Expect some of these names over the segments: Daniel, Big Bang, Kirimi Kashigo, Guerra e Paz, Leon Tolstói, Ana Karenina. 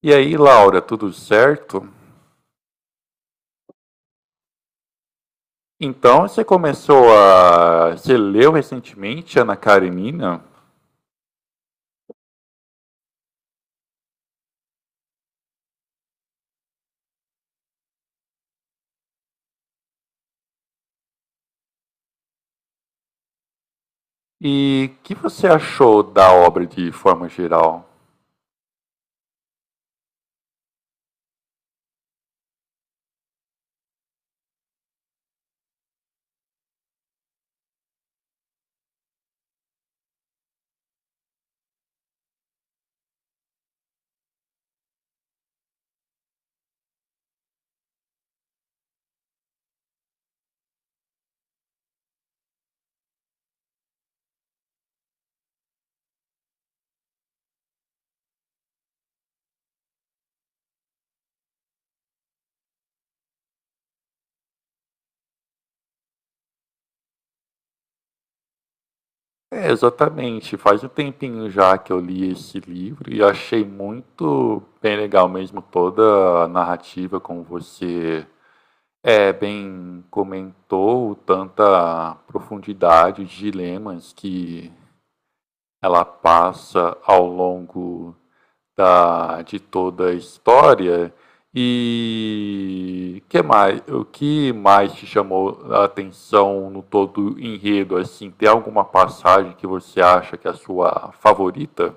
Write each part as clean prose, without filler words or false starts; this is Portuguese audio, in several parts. E aí, Laura, tudo certo? Você começou a. Você leu recentemente Ana Karenina? E o que você achou da obra de forma geral? É, exatamente. Faz um tempinho já que eu li esse livro e achei muito bem legal mesmo toda a narrativa, como você bem comentou, tanta profundidade de dilemas que ela passa ao longo da, de toda a história. E que mais, o que mais te chamou a atenção no todo enredo? Assim, tem alguma passagem que você acha que é a sua favorita?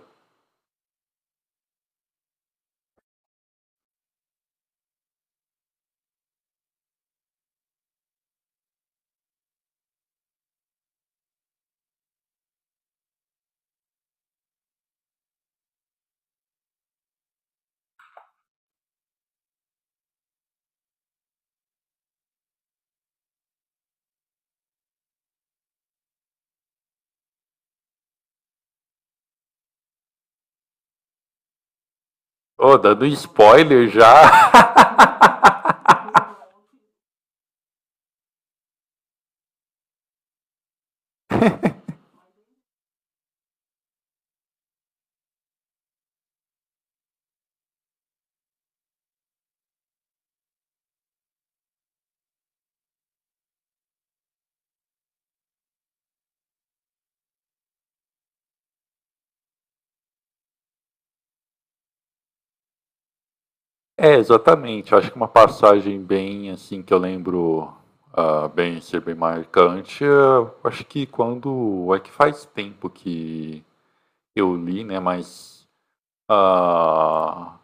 Oh, dando spoiler já! É, exatamente. Acho que uma passagem bem, assim, que eu lembro bem ser bem marcante. Eu acho que quando. É que faz tempo que eu li, né? Mas. ah,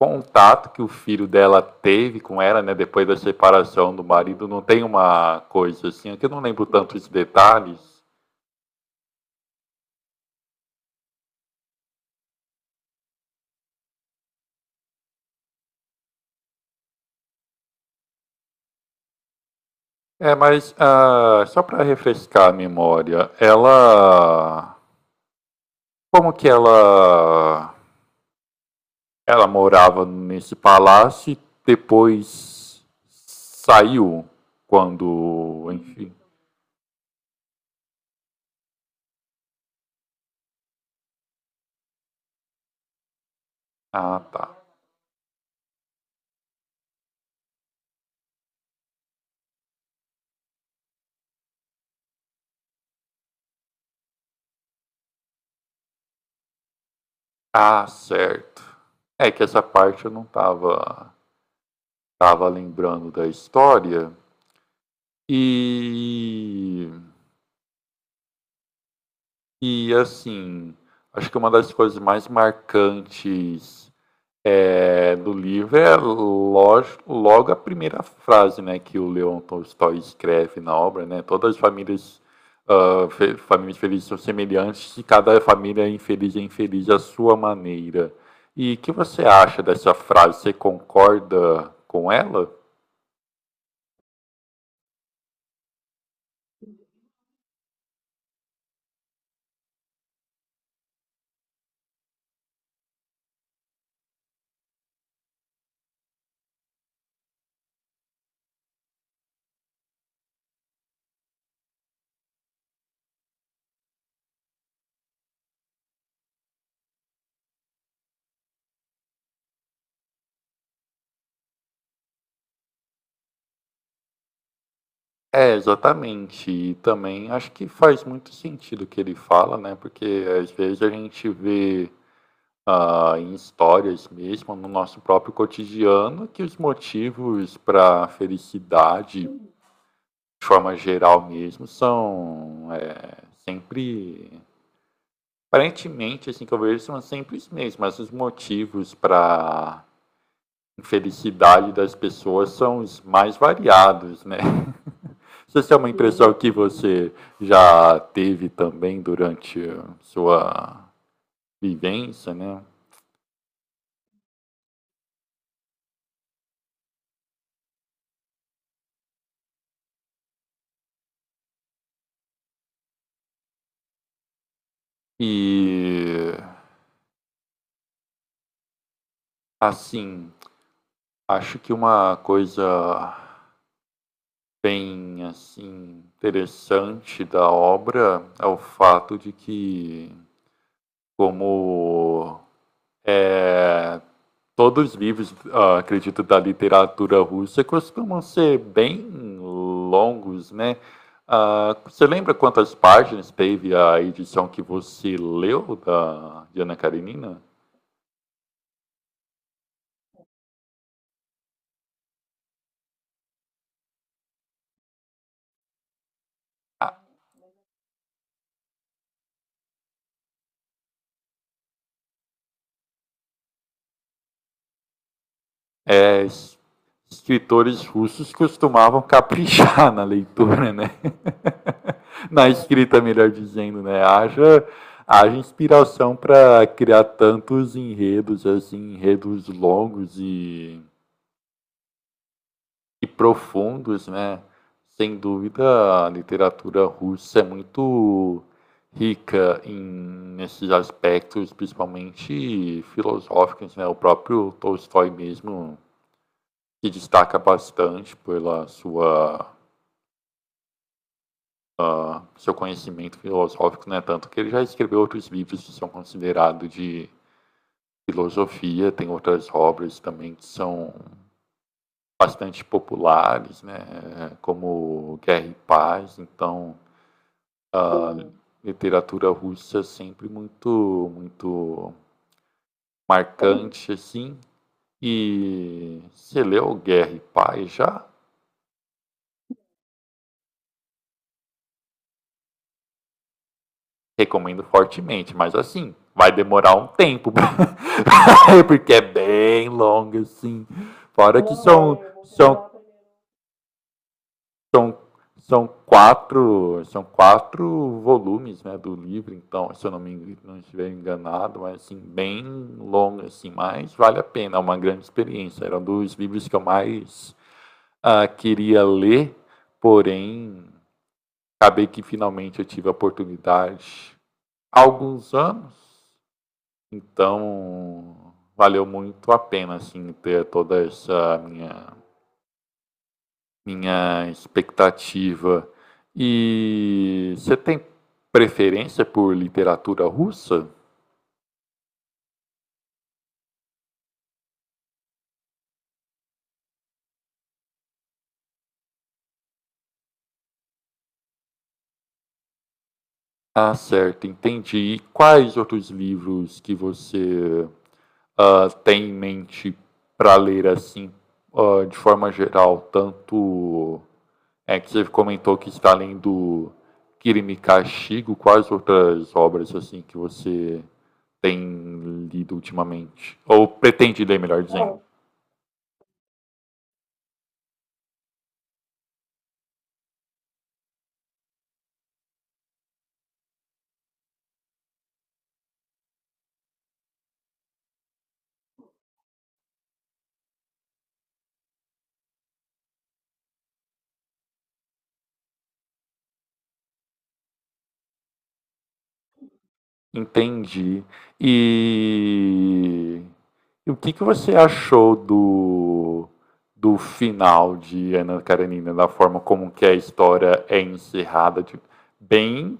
Contato que o filho dela teve com ela, né, depois da separação do marido, não tem uma coisa assim, é que eu não lembro tantos detalhes. É, mas só para refrescar a memória, ela como que ela ela morava nesse palácio e depois saiu quando, enfim. Ah, tá. Ah, certo. É que essa parte eu não tava tava lembrando da história. E e assim, acho que uma das coisas mais marcantes do livro é lógico, logo a primeira frase, né, que o Leon Tolstói escreve na obra, né? Todas as famílias, famílias felizes são semelhantes e cada família é infeliz à sua maneira. E o que você acha dessa frase? Você concorda com ela? É, exatamente. E também acho que faz muito sentido o que ele fala, né? Porque às vezes a gente vê em histórias mesmo, no nosso próprio cotidiano, que os motivos para felicidade, de forma geral mesmo, são sempre. Aparentemente, assim que eu vejo, são sempre os mesmos, mas os motivos para infelicidade das pessoas são os mais variados, né? Se essa é uma impressão que você já teve também durante sua vivência, né? E assim, acho que uma coisa bem assim interessante da obra é o fato de que como é todos os livros, acredito, da literatura russa costumam ser bem longos, né? Ah, você lembra quantas páginas teve a edição que você leu da de Ana Karenina? Ah, É, es- escritores russos costumavam caprichar na leitura, né? Na escrita, melhor dizendo, né? Haja, haja inspiração para criar tantos enredos, assim, enredos longos e profundos, né. Sem dúvida, a literatura russa é muito rica em nesses aspectos, principalmente filosóficos, né. O próprio Tolstói mesmo se destaca bastante pela sua seu conhecimento filosófico, né, tanto que ele já escreveu outros livros que são considerados de filosofia, tem outras obras também que são bastante populares, né, como Guerra e Paz, então a literatura russa é sempre muito, muito marcante, assim. E você leu Guerra e Paz já? Recomendo fortemente, mas assim, vai demorar um tempo, porque é bem longa, assim. Fora que são, são são, são quatro volumes, né, do livro, então, se eu não me não estiver enganado, mas assim, bem longo, assim, mas vale a pena, é uma grande experiência. Era um dos livros que eu mais queria ler, porém, acabei que finalmente eu tive a oportunidade há alguns anos, então valeu muito a pena assim ter toda essa minha minha expectativa. E você tem preferência por literatura russa? Ah, certo, entendi. E quais outros livros que você tem em mente para ler assim, de forma geral? Tanto é que você comentou que está lendo Kirimi Kashigo, quais outras obras assim que você tem lido ultimamente? Ou pretende ler, melhor dizendo? Entendi. E e o que que você achou do do final de Ana Karenina, da forma como que a história é encerrada, tipo, bem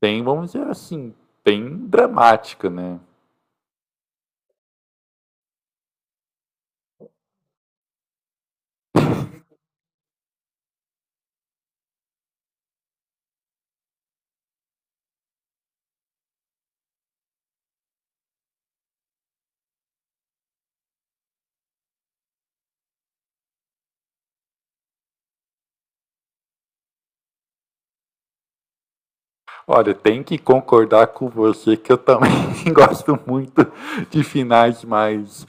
bem, vamos dizer assim, bem dramática, né. Olha, tem que concordar com você que eu também gosto muito de finais mais,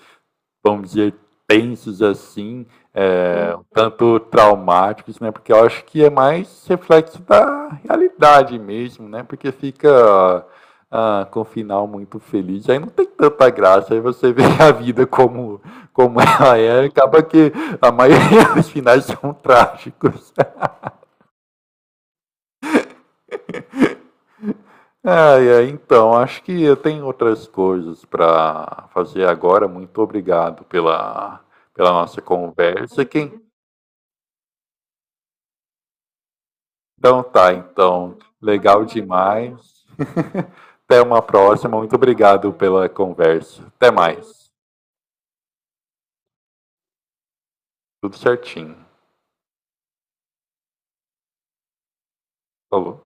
vamos dizer, tensos assim, é, um tanto traumáticos, né? Porque eu acho que é mais reflexo da realidade mesmo, né? Porque fica com o final muito feliz, aí não tem tanta graça, aí você vê a vida como, como ela é, acaba que a maioria dos finais são trágicos. É, é, então, acho que eu tenho outras coisas para fazer agora. Muito obrigado pela, pela nossa conversa. Quem, então tá, então. Legal demais. Até uma próxima. Muito obrigado pela conversa. Até mais. Tudo certinho. Falou.